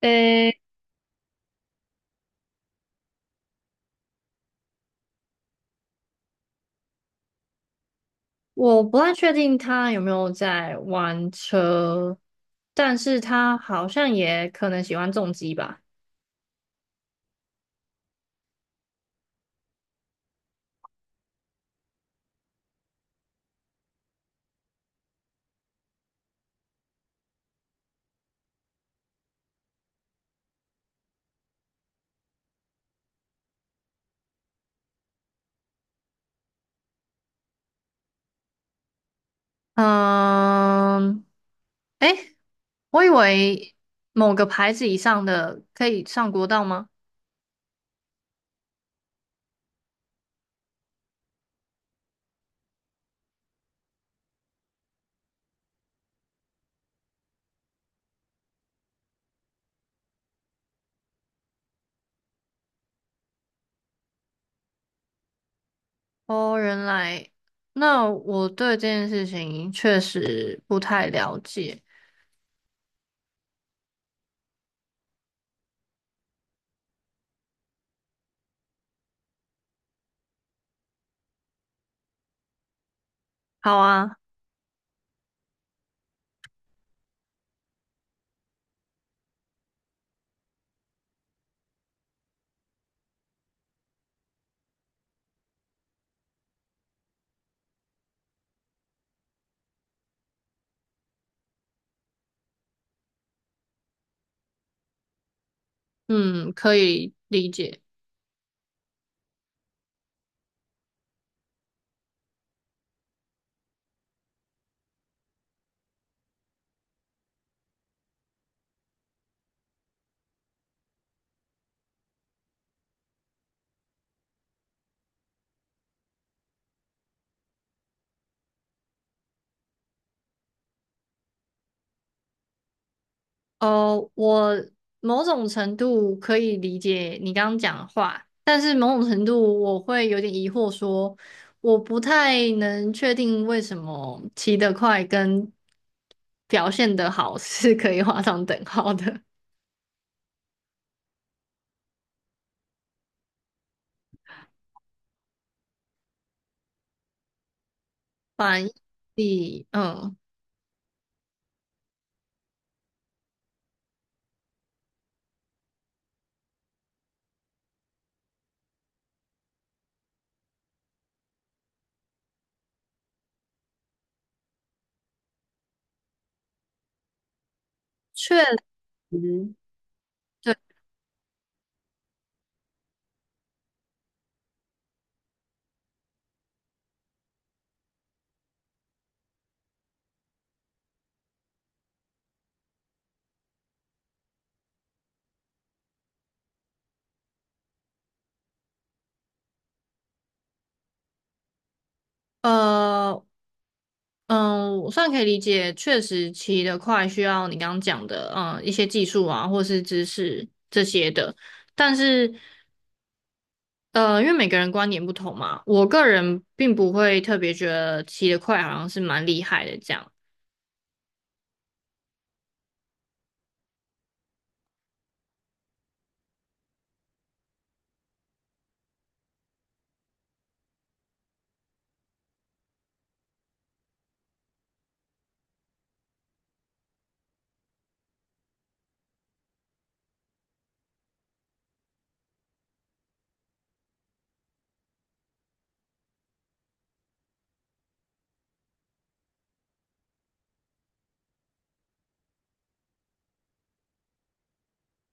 诶，我不太确定他有没有在玩车，但是他好像也可能喜欢重机吧。嗯，诶，我以为某个牌子以上的可以上国道吗？哦，原来，那我对这件事情确实不太了解。好啊，嗯，可以理解。哦，我某种程度可以理解你刚刚讲的话，但是某种程度我会有点疑惑说，我不太能确定为什么骑得快跟表现得好 是可以画上等号的。反应力嗯，确实，对，呃，嗯，我算可以理解，确实骑得快需要你刚刚讲的，嗯，一些技术啊，或是知识这些的。但是因为每个人观点不同嘛，我个人并不会特别觉得骑得快好像是蛮厉害的这样。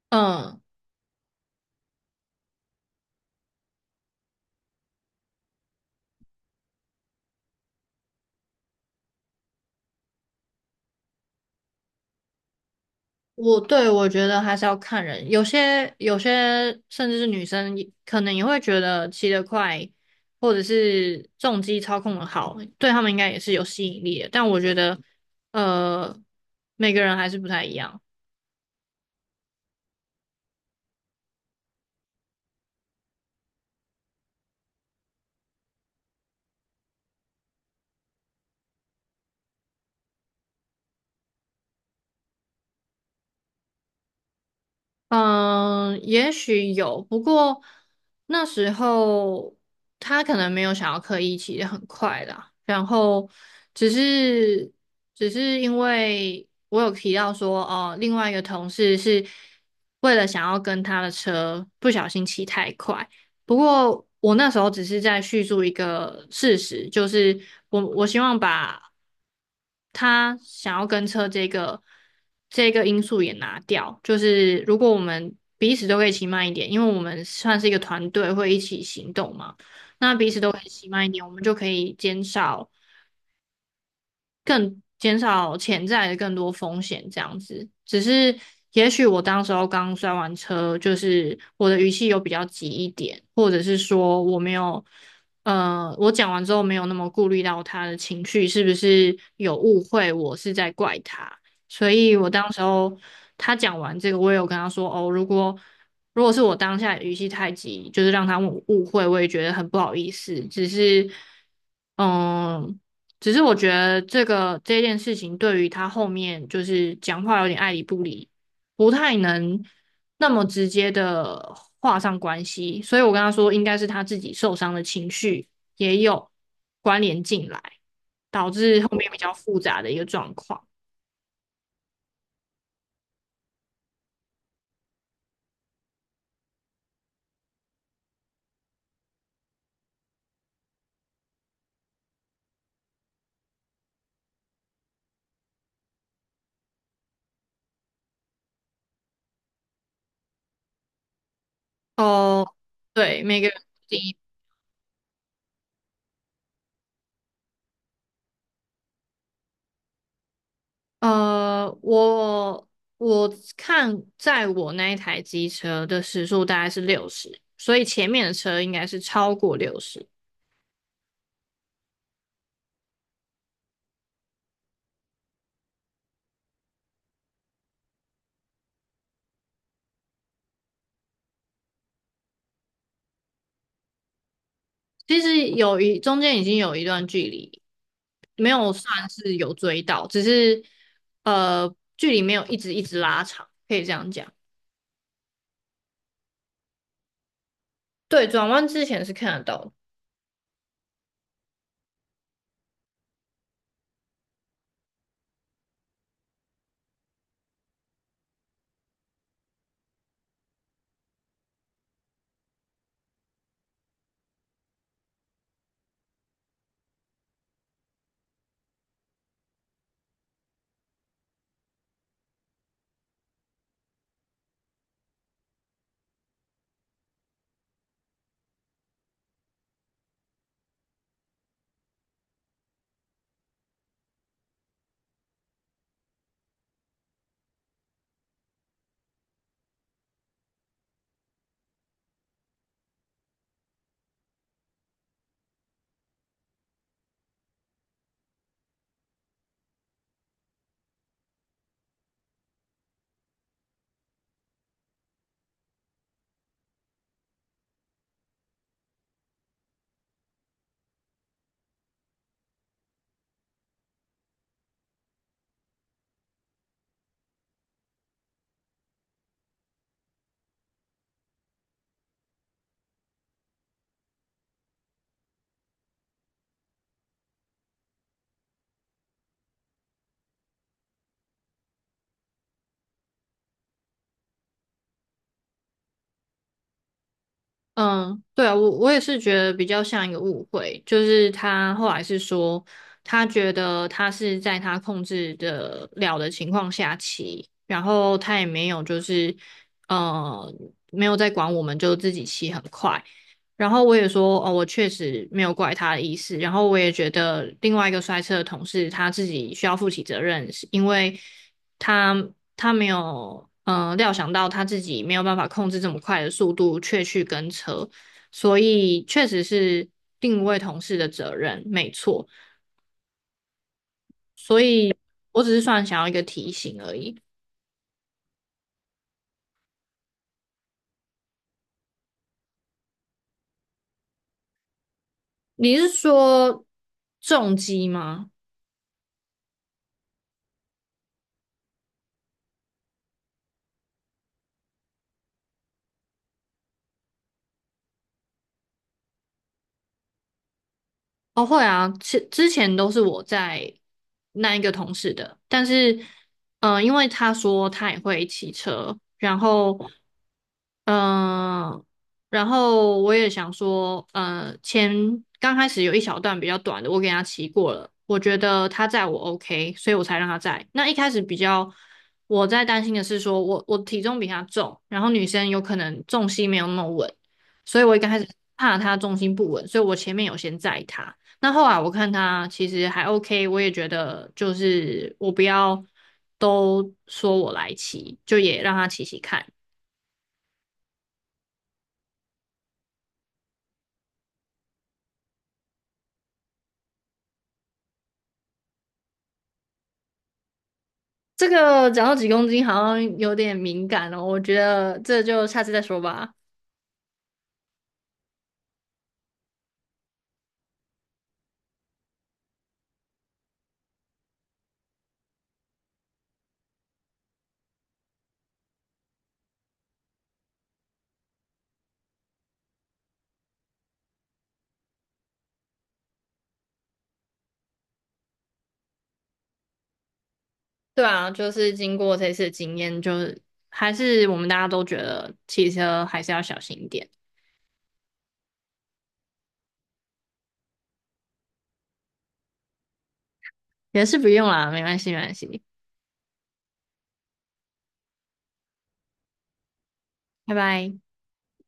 嗯，我觉得还是要看人，有些甚至是女生也可能也会觉得骑得快或者是重机操控的好，对他们应该也是有吸引力的。但我觉得，呃，每个人还是不太一样。嗯，也许有，不过那时候他可能没有想要刻意骑得很快啦，然后只是只是因为我有提到说，哦，另外一个同事是为了想要跟他的车不小心骑太快，不过我那时候只是在叙述一个事实，就是我希望把他想要跟车这个因素也拿掉。就是如果我们彼此都可以骑慢一点，因为我们算是一个团队，会一起行动嘛，那彼此都可以骑慢一点，我们就可以减少。更减少潜在的更多风险这样子。只是也许我当时候刚摔完车，就是我的语气有比较急一点，或者是说我没有，我讲完之后没有那么顾虑到他的情绪是不是有误会，我是在怪他。所以我当时候他讲完这个，我也有跟他说哦，如果是我当下语气太急，就是让他误会，我也觉得很不好意思。只是，嗯，只是我觉得这件事情对于他后面就是讲话有点爱理不理，不太能那么直接的画上关系，所以我跟他说，应该是他自己受伤的情绪也有关联进来，导致后面比较复杂的一个状况。哦，对，每个人第一，呃，我我看在我那一台机车的时速大概是六十，所以前面的车应该是超过六十。其实中间已经有一段距离，没有算是有追到，只是距离没有一直一直拉长，可以这样讲。对，转弯之前是看得到的。嗯，对啊，我也是觉得比较像一个误会，就是他后来是说，他觉得他是在他控制的了的情况下骑，然后他也没有就是呃没有在管我们，就自己骑很快。然后我也说，哦，我确实没有怪他的意思。然后我也觉得另外一个摔车的同事他自己需要负起责任，是因为。他没有料想到他自己没有办法控制这么快的速度，却去跟车，所以确实是定位同事的责任，没错。所以我只是算想要一个提醒而已。你是说重击吗？哦，会啊，之前都是我在那一个同事的，但是，因为他说他也会骑车，嗯，然后我也想说，刚开始有一小段比较短的，我给他骑过了，我觉得他载我 OK，所以我才让他载。那一开始比较我在担心的是说我体重比他重，然后女生有可能重心没有那么稳，所以我一开始怕他重心不稳，所以我前面有先载他。那后来我看他其实还 OK，我也觉得就是我不要都说我来骑，就也让他骑骑看。这个讲到几公斤好像有点敏感哦，我觉得这就下次再说吧。对啊，就是经过这次的经验，就是还是我们大家都觉得骑车还是要小心一点，也是不用啦，没关系，没关系，拜拜。